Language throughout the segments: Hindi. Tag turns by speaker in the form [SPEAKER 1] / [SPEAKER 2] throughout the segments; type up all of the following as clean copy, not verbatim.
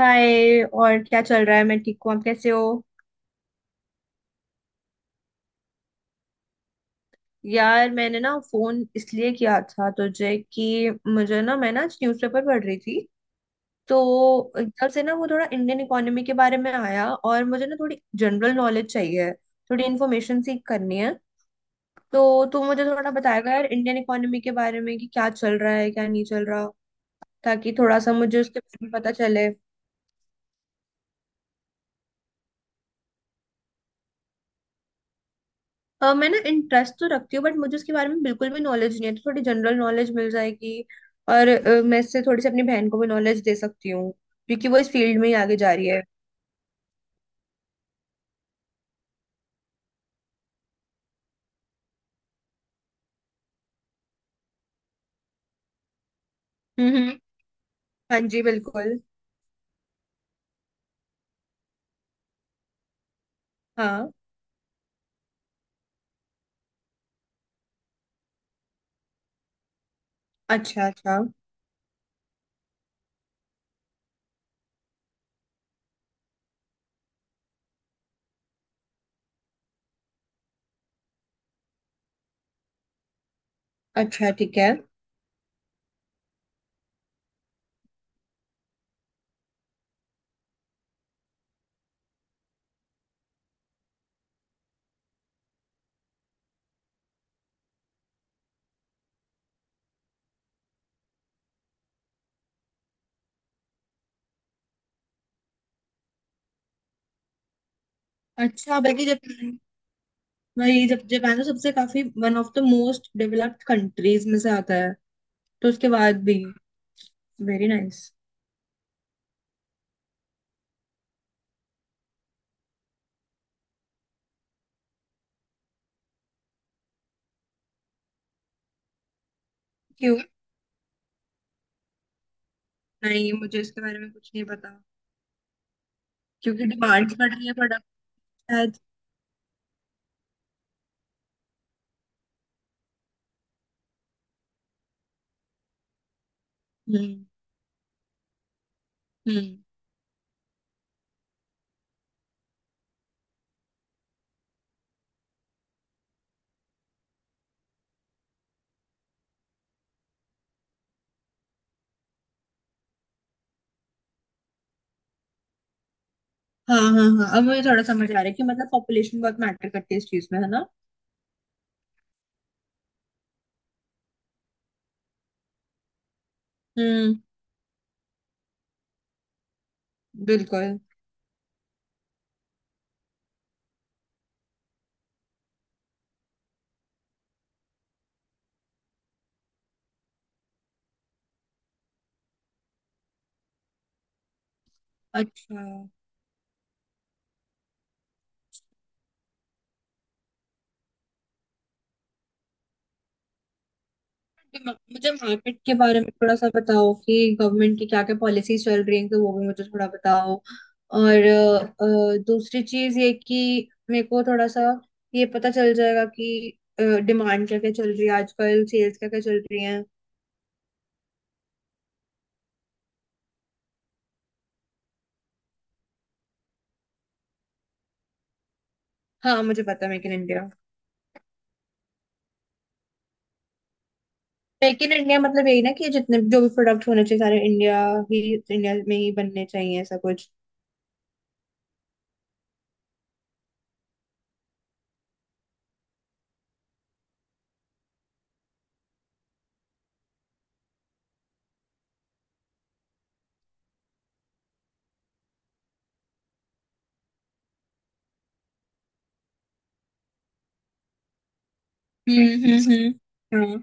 [SPEAKER 1] हाय और क्या चल रहा है। मैं ठीक हूँ। आप कैसे हो। यार मैंने ना फोन इसलिए किया था तुझे कि मुझे ना मैं ना न्यूज़पेपर पढ़ रही थी। तो एकदम से ना वो थोड़ा इंडियन इकोनॉमी के बारे में आया और मुझे ना थोड़ी जनरल नॉलेज चाहिए। थोड़ी इन्फॉर्मेशन सीख करनी है। तो तू मुझे थोड़ा बताएगा यार इंडियन इकोनॉमी के बारे में कि क्या चल रहा है क्या नहीं चल रहा। ताकि थोड़ा सा मुझे उसके बारे में पता चले। मैं ना इंटरेस्ट तो रखती हूँ बट मुझे उसके बारे में बिल्कुल भी नॉलेज नहीं है तो थोड़ी जनरल नॉलेज मिल जाएगी। और मैं इससे थोड़ी सी अपनी बहन को भी नॉलेज दे सकती हूँ क्योंकि वो इस फील्ड में ही आगे जा रही है। हम्म। हाँ जी बिल्कुल। हाँ। अच्छा अच्छा। अच्छा ठीक है। अच्छा बल्कि जापान, वही जब जापान तो सबसे काफी one of the most developed countries में से आता है। तो उसके बाद भी। Very nice. क्यों? नहीं मुझे इसके बारे में कुछ नहीं पता। क्योंकि डिमांड बढ़ रही है प्रोडक्ट शायद। हम्म हम्म। हाँ हाँ। हाँ अब मुझे थोड़ा समझ आ रहा है कि मतलब पॉपुलेशन बहुत मैटर करती है इस चीज में, है ना। हम्म। बिल्कुल। अच्छा तो मुझे मार्केट के बारे में थोड़ा सा बताओ कि गवर्नमेंट की क्या क्या पॉलिसीज चल रही हैं तो वो भी मुझे थोड़ा बताओ। और दूसरी चीज ये कि मेरे को थोड़ा सा ये पता चल जाएगा कि डिमांड क्या क्या चल रही है आजकल, सेल्स क्या क्या चल रही है। हाँ मुझे पता है make in India. Make in India मतलब यही ना कि जितने जो भी प्रोडक्ट होने चाहिए सारे इंडिया ही इंडिया में ही बनने चाहिए, ऐसा कुछ। हम्म हम्म हम्म।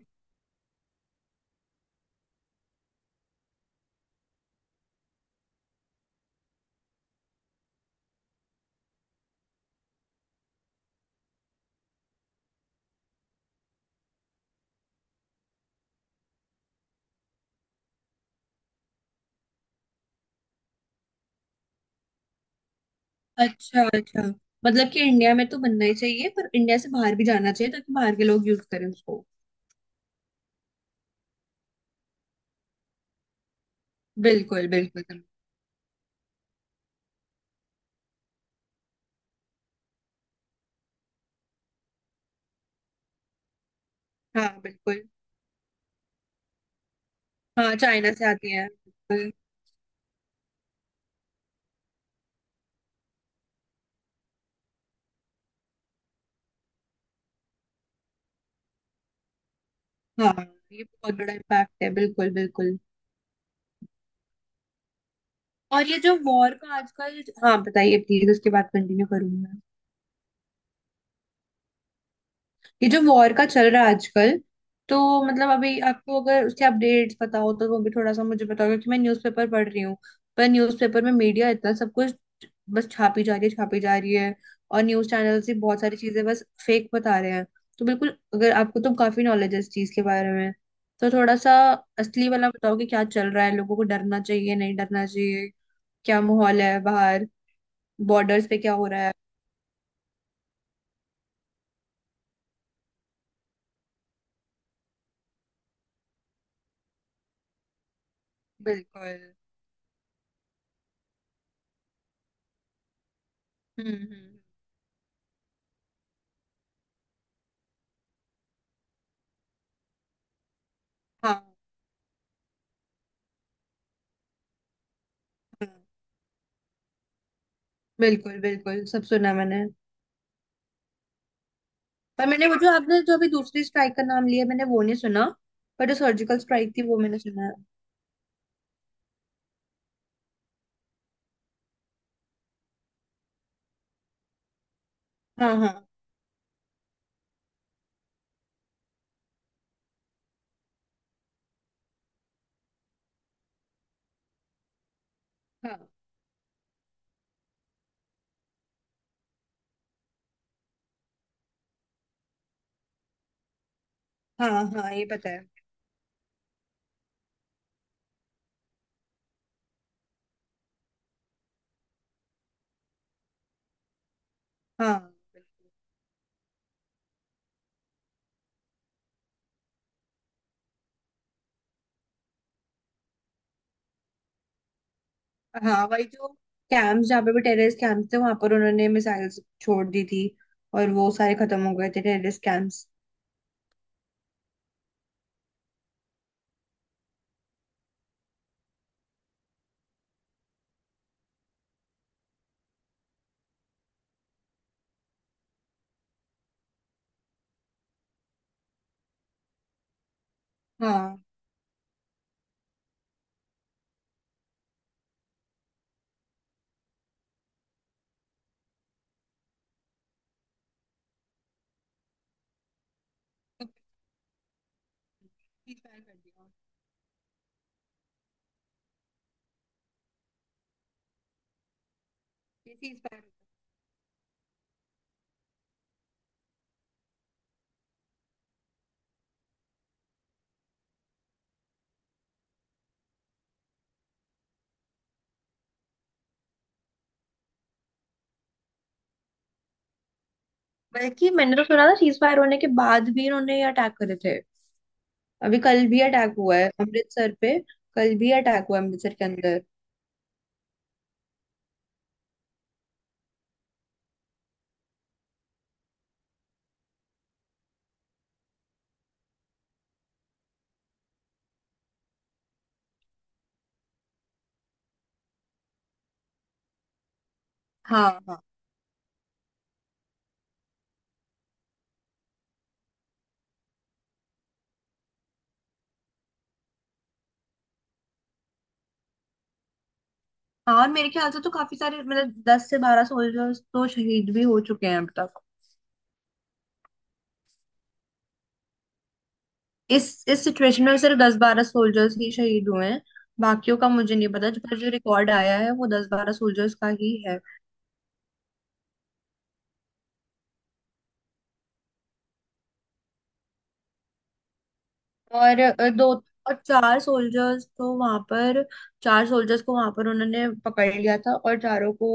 [SPEAKER 1] हाँ अच्छा अच्छा। मतलब कि इंडिया में तो बनना ही चाहिए पर इंडिया से बाहर भी जाना चाहिए ताकि बाहर के लोग यूज करें उसको। बिल्कुल बिल्कुल। हाँ बिल्कुल। हाँ चाइना से आती है बिल्कुल। हाँ ये बहुत बड़ा इम्पैक्ट है बिल्कुल बिल्कुल। और ये जो वॉर का आजकल, हाँ बताइए प्लीज, उसके बाद कंटिन्यू करूंगी मैं। ये जो वॉर का चल रहा है आजकल, तो मतलब अभी आपको अगर उसके अपडेट्स पता हो तो वो भी थोड़ा सा मुझे बताओ क्योंकि मैं न्यूज़पेपर पढ़ रही हूँ। पर न्यूज़पेपर में मीडिया इतना सब कुछ बस छापी जा रही है छापी जा रही है। और न्यूज चैनल्स भी बहुत सारी चीजें बस फेक बता रहे हैं। तो बिल्कुल अगर आपको तो काफी नॉलेज है इस चीज के बारे में, तो थोड़ा सा असली वाला बताओ कि क्या चल रहा है, लोगों को डरना चाहिए नहीं डरना चाहिए। क्या माहौल है बाहर? बॉर्डर्स पे क्या हो रहा है? बिल्कुल। हम्म। हाँ हाँ, बिल्कुल बिल्कुल सब सुना मैंने। पर मैंने वो जो आपने जो अभी दूसरी स्ट्राइक का नाम लिया मैंने वो नहीं सुना। पर जो सर्जिकल स्ट्राइक थी वो मैंने सुना है। हाँ। हाँ हाँ हाँ हाँ ये पता है। हाँ बिल्कुल। हाँ वही जो कैंप्स, जहाँ पे भी टेररिस्ट कैंप्स थे वहां पर उन्होंने मिसाइल्स छोड़ दी थी। और वो सारे खत्म हो गए थे टेररिस्ट कैंप्स। हाँ सीज फायर कर दिया। ये सीज फायर। बल्कि मैंने तो सुना था सीज फायर होने के बाद भी इन्होंने ये अटैक करे थे। अभी कल भी अटैक हुआ है अमृतसर पे। कल भी अटैक हुआ है अमृतसर के अंदर। हाँ। हाँ। हाँ। और मेरे ख्याल से तो काफी सारे मतलब 10 से 12 सोल्जर्स तो शहीद भी हो चुके हैं अब तक। इस सिचुएशन में सिर्फ 10-12 सोल्जर्स ही शहीद हुए हैं। बाकियों का मुझे नहीं पता पर जो रिकॉर्ड आया है वो 10-12 सोल्जर्स का ही है। और दो और चार सोल्जर्स को वहां पर, चार सोल्जर्स को वहां पर उन्होंने पकड़ लिया था और चारों को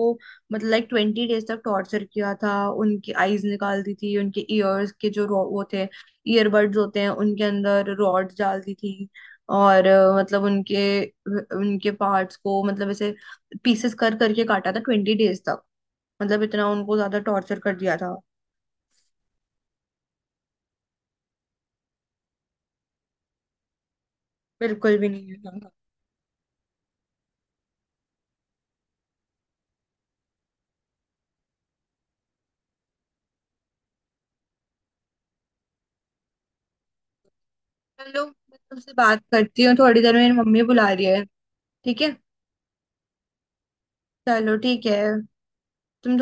[SPEAKER 1] मतलब लाइक 20 डेज तक टॉर्चर किया था। उनकी आईज निकाल दी थी। उनके ईयर्स के जो वो थे, ईयरबड्स होते हैं, उनके अंदर रॉड्स डाल दी थी। और मतलब उनके उनके पार्ट्स को मतलब ऐसे पीसेस कर करके काटा था 20 डेज तक। मतलब इतना उनको ज्यादा टॉर्चर कर दिया था। बिल्कुल भी नहीं है। चलो मैं तुमसे बात करती हूँ, थोड़ी देर में मेरी मम्मी बुला रही है। ठीक है। चलो ठीक है। तुम